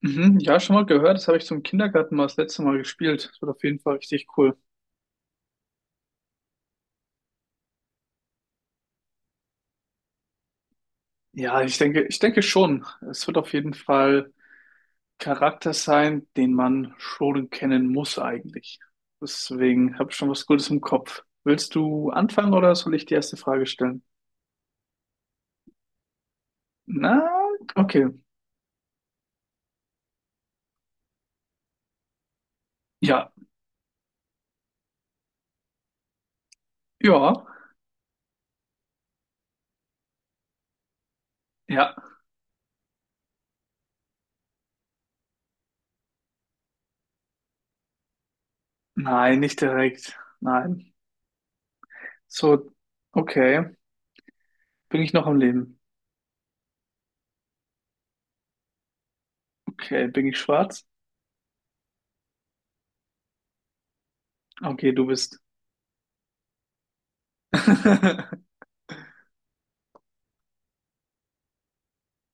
Mhm, ja, schon mal gehört. Das habe ich zum Kindergarten mal das letzte Mal gespielt. Das wird auf jeden Fall richtig cool. Ja, ich denke schon. Es wird auf jeden Fall Charakter sein, den man schon kennen muss eigentlich. Deswegen habe ich schon was Gutes im Kopf. Willst du anfangen oder soll ich die erste Frage stellen? Na, okay. Ja, ja, ja. Nein, nicht direkt. Nein. So, okay. Bin ich noch am Leben? Okay, bin ich schwarz? Okay, du bist.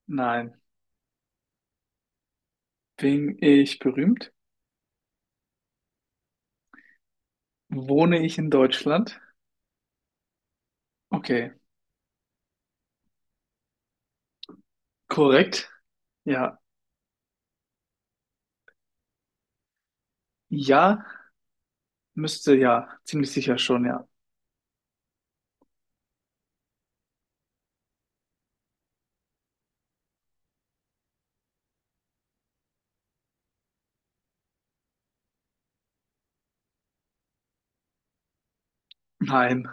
Nein. Bin ich berühmt? Wohne ich in Deutschland? Okay, korrekt. Ja, ja, müsste ja, ziemlich sicher schon, ja. Nein.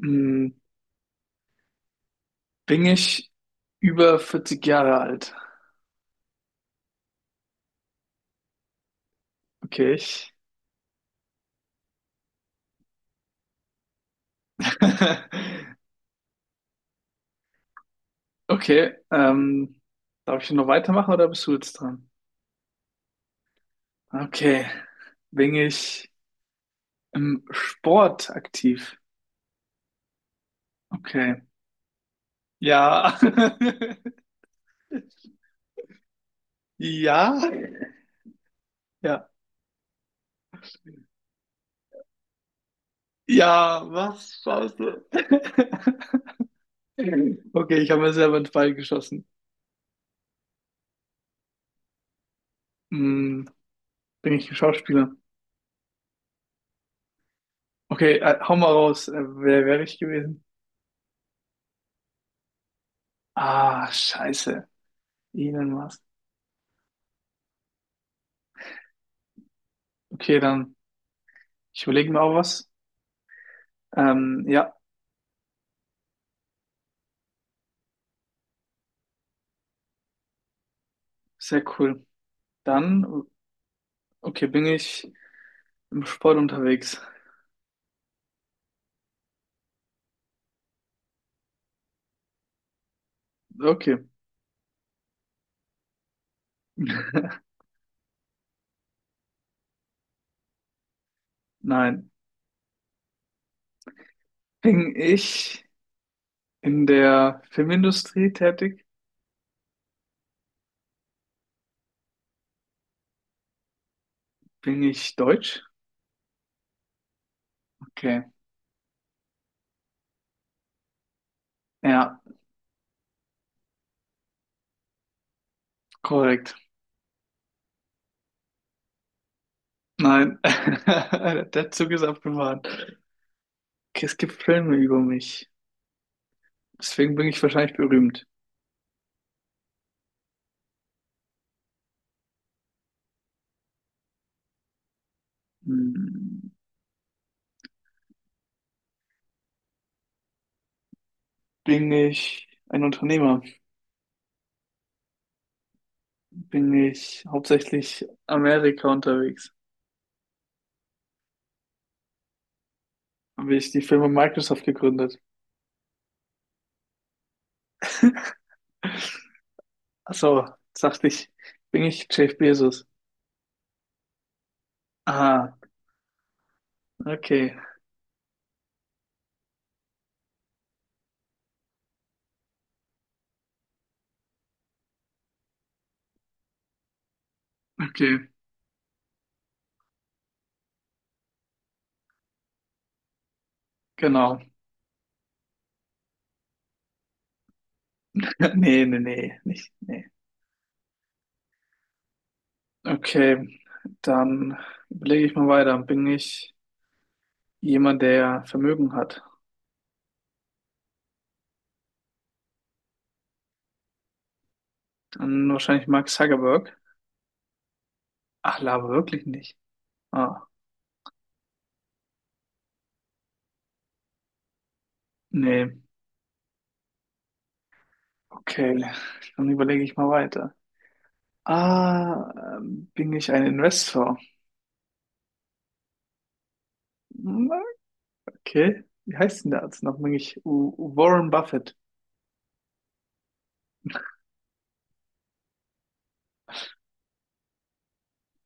Hm, Bin ich über 40 Jahre alt? Okay, ich. Okay, darf ich noch weitermachen oder bist du jetzt dran? Okay, bin ich im Sport aktiv? Okay, ja. Ja, ja. Ja, was? Scheiße. Okay, ich habe mir selber einen Pfeil geschossen. Hm, Bin ich ein Schauspieler? Okay, hau mal raus. Wer wäre ich gewesen? Ah, scheiße. Elon Musk. Okay, dann, ich überlege mir auch was. Ja, sehr cool. Dann, okay, bin ich im Sport unterwegs? Okay. Nein. Bin ich in der Filmindustrie tätig? Bin ich deutsch? Okay. Ja, korrekt. Nein, der Zug ist abgefahren. Okay, es gibt Filme über mich. Deswegen bin ich wahrscheinlich berühmt. Hm, Bin ich ein Unternehmer? Bin ich hauptsächlich Amerika unterwegs? Habe ich die Firma Microsoft gegründet? Ach so, sagte ich, bin ich Jeff Bezos? Ah, okay, okay, genau. Nee, nee, nee, nicht, nee. Okay, dann überlege ich mal weiter. Bin ich jemand, der Vermögen hat? Dann wahrscheinlich Mark Zuckerberg. Ach, Lava wirklich nicht. Ah, nee. Okay, dann überlege ich mal weiter. Ah, bin ich ein Investor? Hm, Okay, wie heißt denn der Arzt noch? Bin ich Warren Buffett?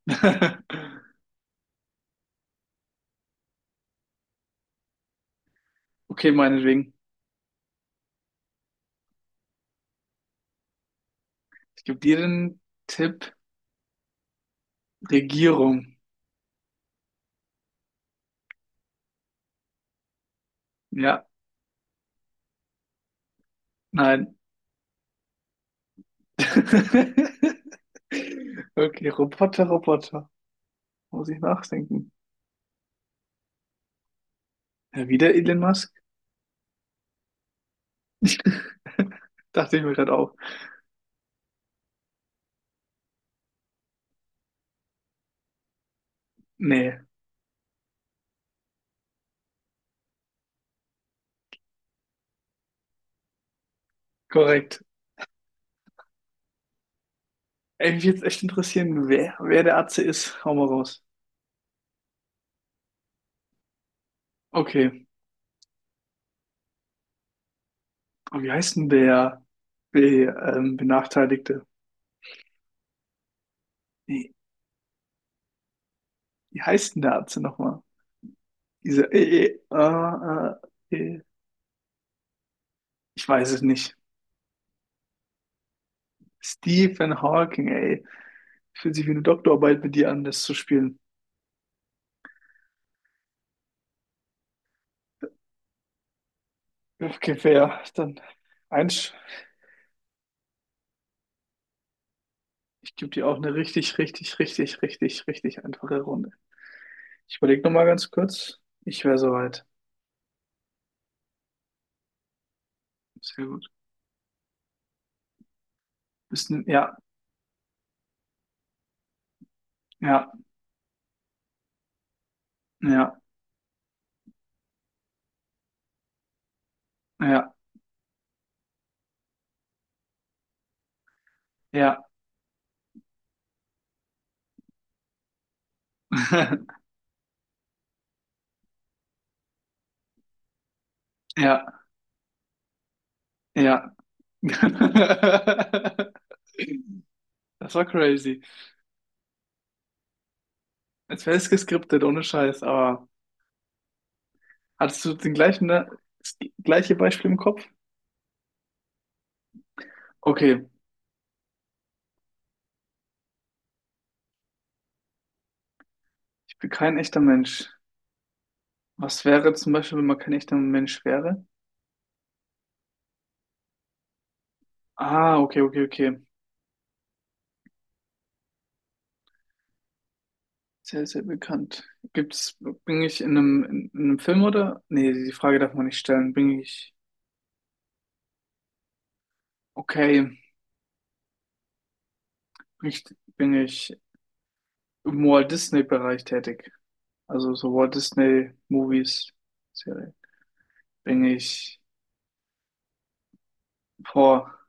Okay, meinetwegen. Ich gebe dir den Tipp. Regierung. Ja, nein. Okay, Roboter, Roboter. Muss ich nachdenken. Ja, wieder Elon Musk? Dachte ich mir gerade auch. Nee, korrekt. Ey, mich jetzt echt interessieren, wer der Atze ist. Hau mal raus. Okay. Und wie heißt denn der Be Benachteiligte? Nee, wie heißt denn der Atze nochmal? Diese, äh, äh, ich weiß es nicht. Stephen Hawking, ey. Fühlt sich wie eine Doktorarbeit mit dir an, das zu spielen. Okay, fair. Dann eins. Ich gebe dir auch eine richtig, richtig, richtig, richtig, richtig einfache Runde. Ich überlege nochmal ganz kurz. Ich wäre soweit. Sehr gut. Bisschen, ja, ja, ja, ja. Ja, ja, ja. Das war crazy. Als wäre es geskriptet, ohne Scheiß, aber hattest du den gleichen, ne, das gleiche Beispiel im Kopf? Okay, ich bin kein echter Mensch. Was wäre zum Beispiel, wenn man kein echter Mensch wäre? Ah, okay, okay, okay. Sehr, sehr bekannt. Gibt's, bin ich in einem, Film oder? Nee, die Frage darf man nicht stellen. Okay, bin ich, bin ich im Walt Disney-Bereich tätig? Also so Walt Disney Movies, Serie. Bin ich vor,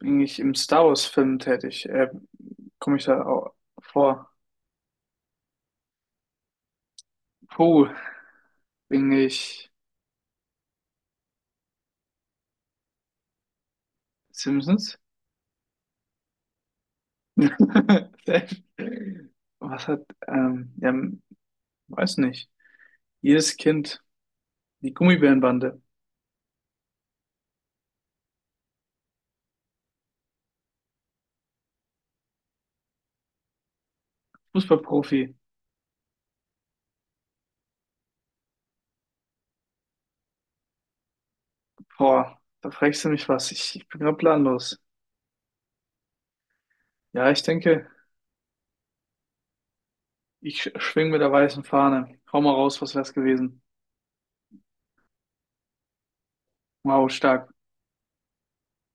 bin ich im Star Wars Film tätig? Komme ich da vor? Puh, bin ich Simpsons? Was hat, ja, weiß nicht. Jedes Kind, die Gummibärenbande, Fußballprofi. Boah, da fragst du mich was. Ich bin gerade planlos. Ja, ich denke, ich schwing mit der weißen Fahne. Hau mal raus, was wär's gewesen? Wow, stark.